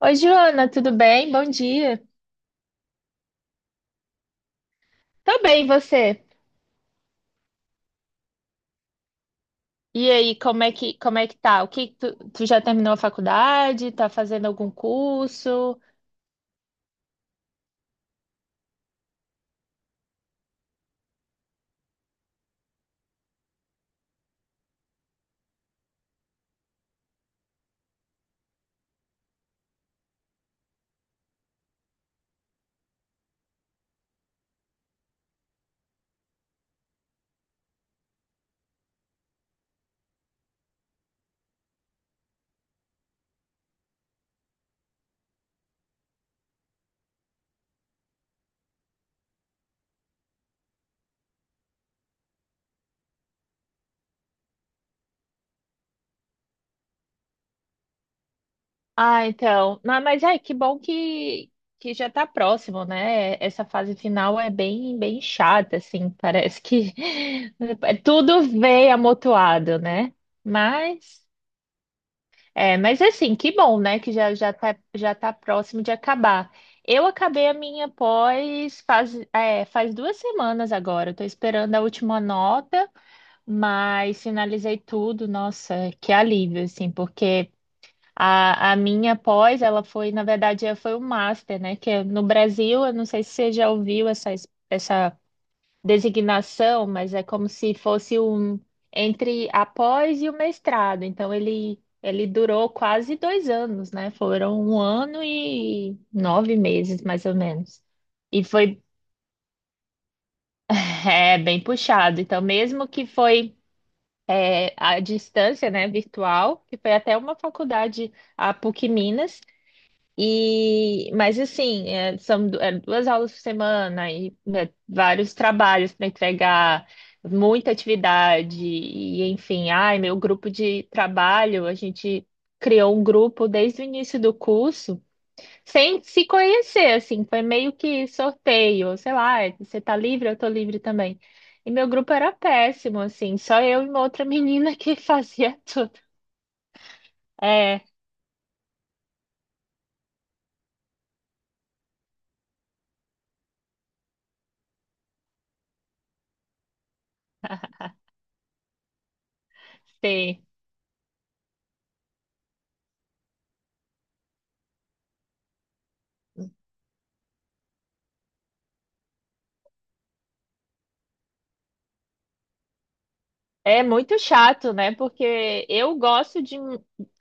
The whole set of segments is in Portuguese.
Oi, Joana, tudo bem? Bom dia. Tô bem, e você? E aí, como é que tá? O que tu já terminou a faculdade? Tá fazendo algum curso? Ah, então. Mas ai, que bom que já tá próximo, né? Essa fase final é bem, bem chata, assim. Parece que tudo vem amontoado, né? Mas. É, mas assim, que bom, né? Que já já tá próximo de acabar. Eu acabei a minha pós faz 2 semanas agora. Estou esperando a última nota, mas finalizei tudo. Nossa, que alívio, assim, porque a minha pós, ela foi, na verdade, ela foi o master, né? Que é no Brasil, eu não sei se você já ouviu essa designação, mas é como se fosse um entre após e o mestrado. Então ele durou quase 2 anos, né? Foram um ano e 9 meses, mais ou menos. E foi bem puxado. Então, mesmo que foi à distância, né, virtual, que foi até uma faculdade, a PUC Minas. Mas assim, são duas aulas por semana e né, vários trabalhos para entregar, muita atividade, e enfim, ai, meu grupo de trabalho, a gente criou um grupo desde o início do curso, sem se conhecer, assim, foi meio que sorteio, sei lá, você tá livre, eu tô livre também. E meu grupo era péssimo, assim, só eu e uma outra menina que fazia tudo. É, sim. É muito chato, né? Porque eu gosto de,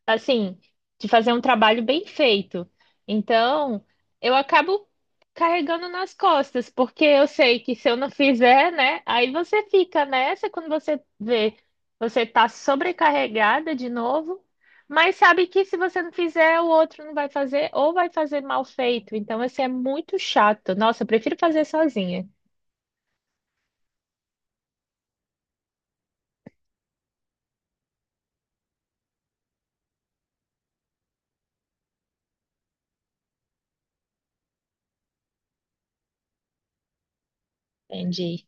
assim, de fazer um trabalho bem feito. Então, eu acabo carregando nas costas, porque eu sei que se eu não fizer, né? Aí você fica nessa quando você vê, você tá sobrecarregada de novo, mas sabe que se você não fizer, o outro não vai fazer ou vai fazer mal feito. Então, assim, é muito chato. Nossa, eu prefiro fazer sozinha. Entendi.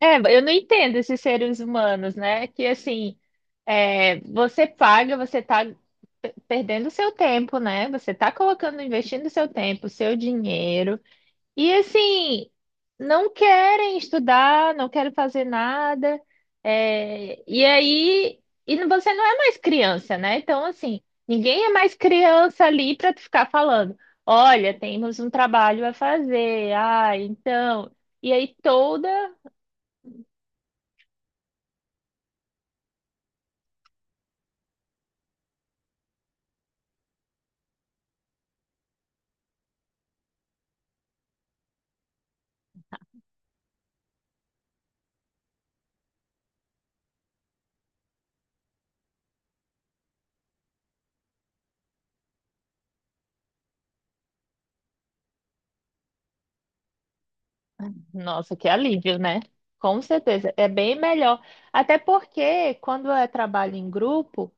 É, eu não entendo esses seres humanos, né? Que assim, você paga, você tá perdendo seu tempo, né? Você tá colocando, investindo seu tempo, seu dinheiro, e assim, não querem estudar, não querem fazer nada, e aí, você não é mais criança, né? Então, assim, ninguém é mais criança ali para ficar falando, olha, temos um trabalho a fazer, ah, então. E aí toda nossa, que alívio, né? Com certeza, é bem melhor. Até porque quando é trabalho em grupo,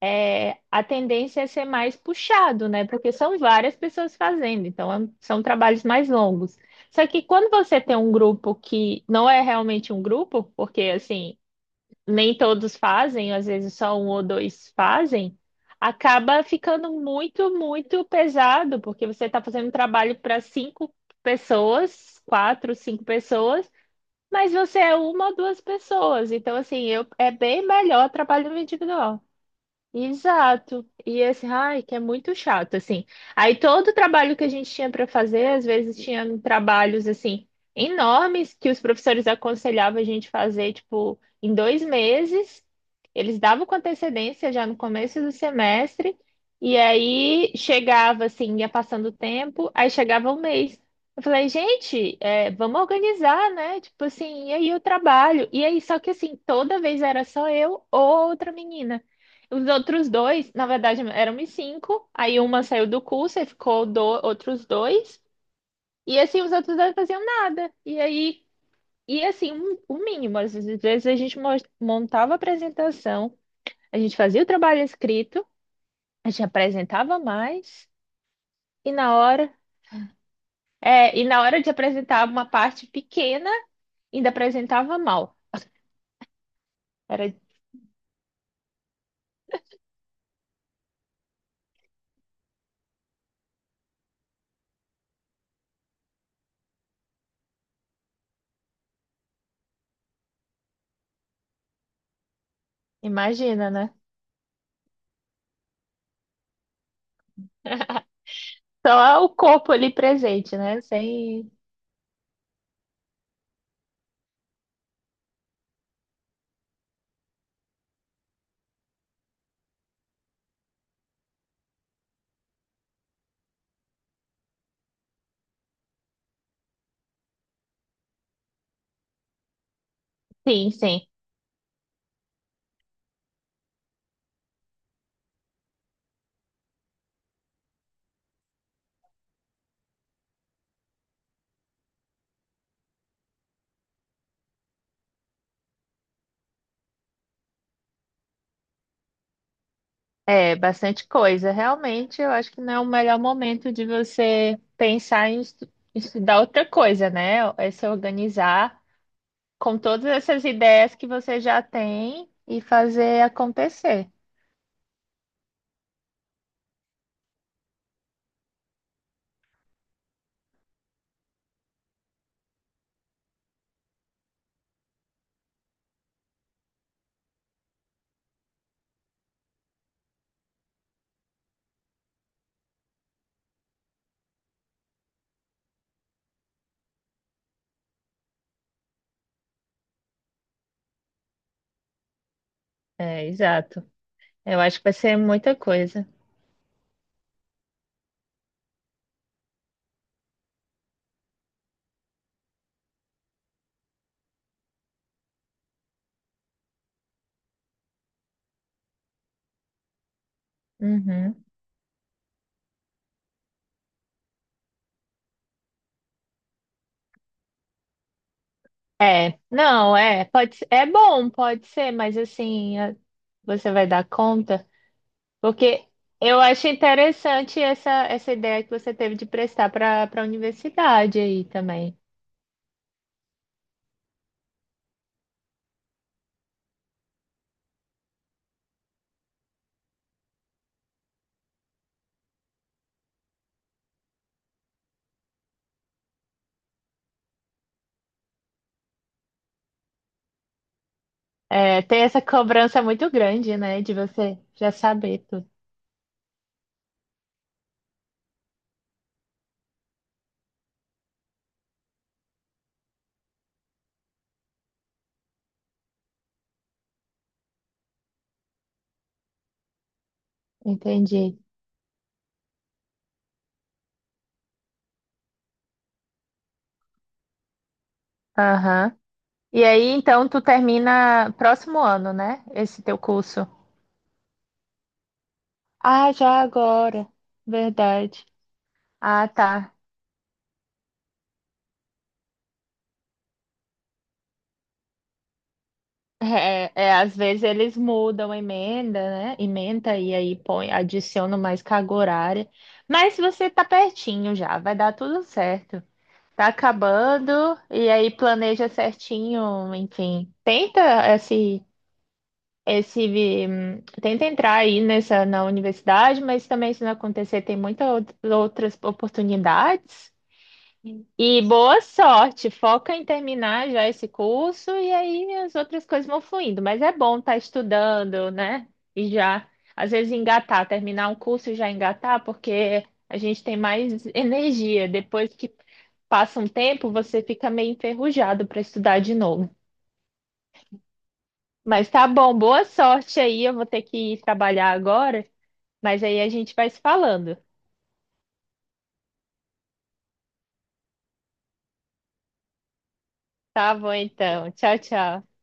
a tendência é ser mais puxado, né? Porque são várias pessoas fazendo, então são trabalhos mais longos. Só que quando você tem um grupo que não é realmente um grupo, porque assim, nem todos fazem, às vezes só um ou dois fazem, acaba ficando muito, muito pesado, porque você está fazendo um trabalho para cinco pessoas, quatro, cinco pessoas, mas você é uma ou duas pessoas. Então, assim, é bem melhor trabalho individual. Exato. E esse ai, que é muito chato, assim. Aí todo o trabalho que a gente tinha para fazer, às vezes tinha trabalhos assim enormes que os professores aconselhavam a gente fazer, tipo, em 2 meses. Eles davam com antecedência já no começo do semestre, e aí chegava assim, ia passando o tempo, aí chegava um mês. Eu falei, gente, vamos organizar, né? Tipo assim, e aí o trabalho? E aí, só que assim, toda vez era só eu ou outra menina. Os outros dois, na verdade, éramos cinco. Aí uma saiu do curso, aí ficou outros dois. E assim, os outros dois faziam nada. E aí, e assim, o mínimo. Às vezes a gente montava a apresentação, a gente fazia o trabalho escrito, a gente apresentava mais, e na hora, e na hora de apresentar uma parte pequena, ainda apresentava mal. Era, imagina, né? Só o corpo ali presente, né? Sem. Sim, sim. É, bastante coisa. Realmente, eu acho que não é o melhor momento de você pensar em estudar outra coisa, né? É se organizar com todas essas ideias que você já tem e fazer acontecer. É, exato. Eu acho que vai ser muita coisa. Uhum. É, não, é bom, pode ser, mas assim, você vai dar conta, porque eu acho interessante essa ideia que você teve de prestar para a universidade aí também. É, tem essa cobrança muito grande, né? De você já saber tudo. Entendi. Aham. E aí, então, tu termina próximo ano, né? Esse teu curso. Ah, já agora. Verdade. Ah, tá. Às vezes eles mudam a emenda, né? Emenda e aí põe, adicionam mais carga horária. Mas você tá pertinho já, vai dar tudo certo. Tá acabando e aí planeja certinho, enfim. Esse tenta entrar aí nessa na universidade, mas também se não acontecer, tem muitas outras oportunidades. E boa sorte, foca em terminar já esse curso e aí as outras coisas vão fluindo. Mas é bom estar estudando, né? E já, às vezes, engatar, terminar um curso e já engatar, porque a gente tem mais energia. Depois que passa um tempo, você fica meio enferrujado para estudar de novo. Mas tá bom, boa sorte aí. Eu vou ter que ir trabalhar agora. Mas aí a gente vai se falando. Tá bom, então. Tchau, tchau.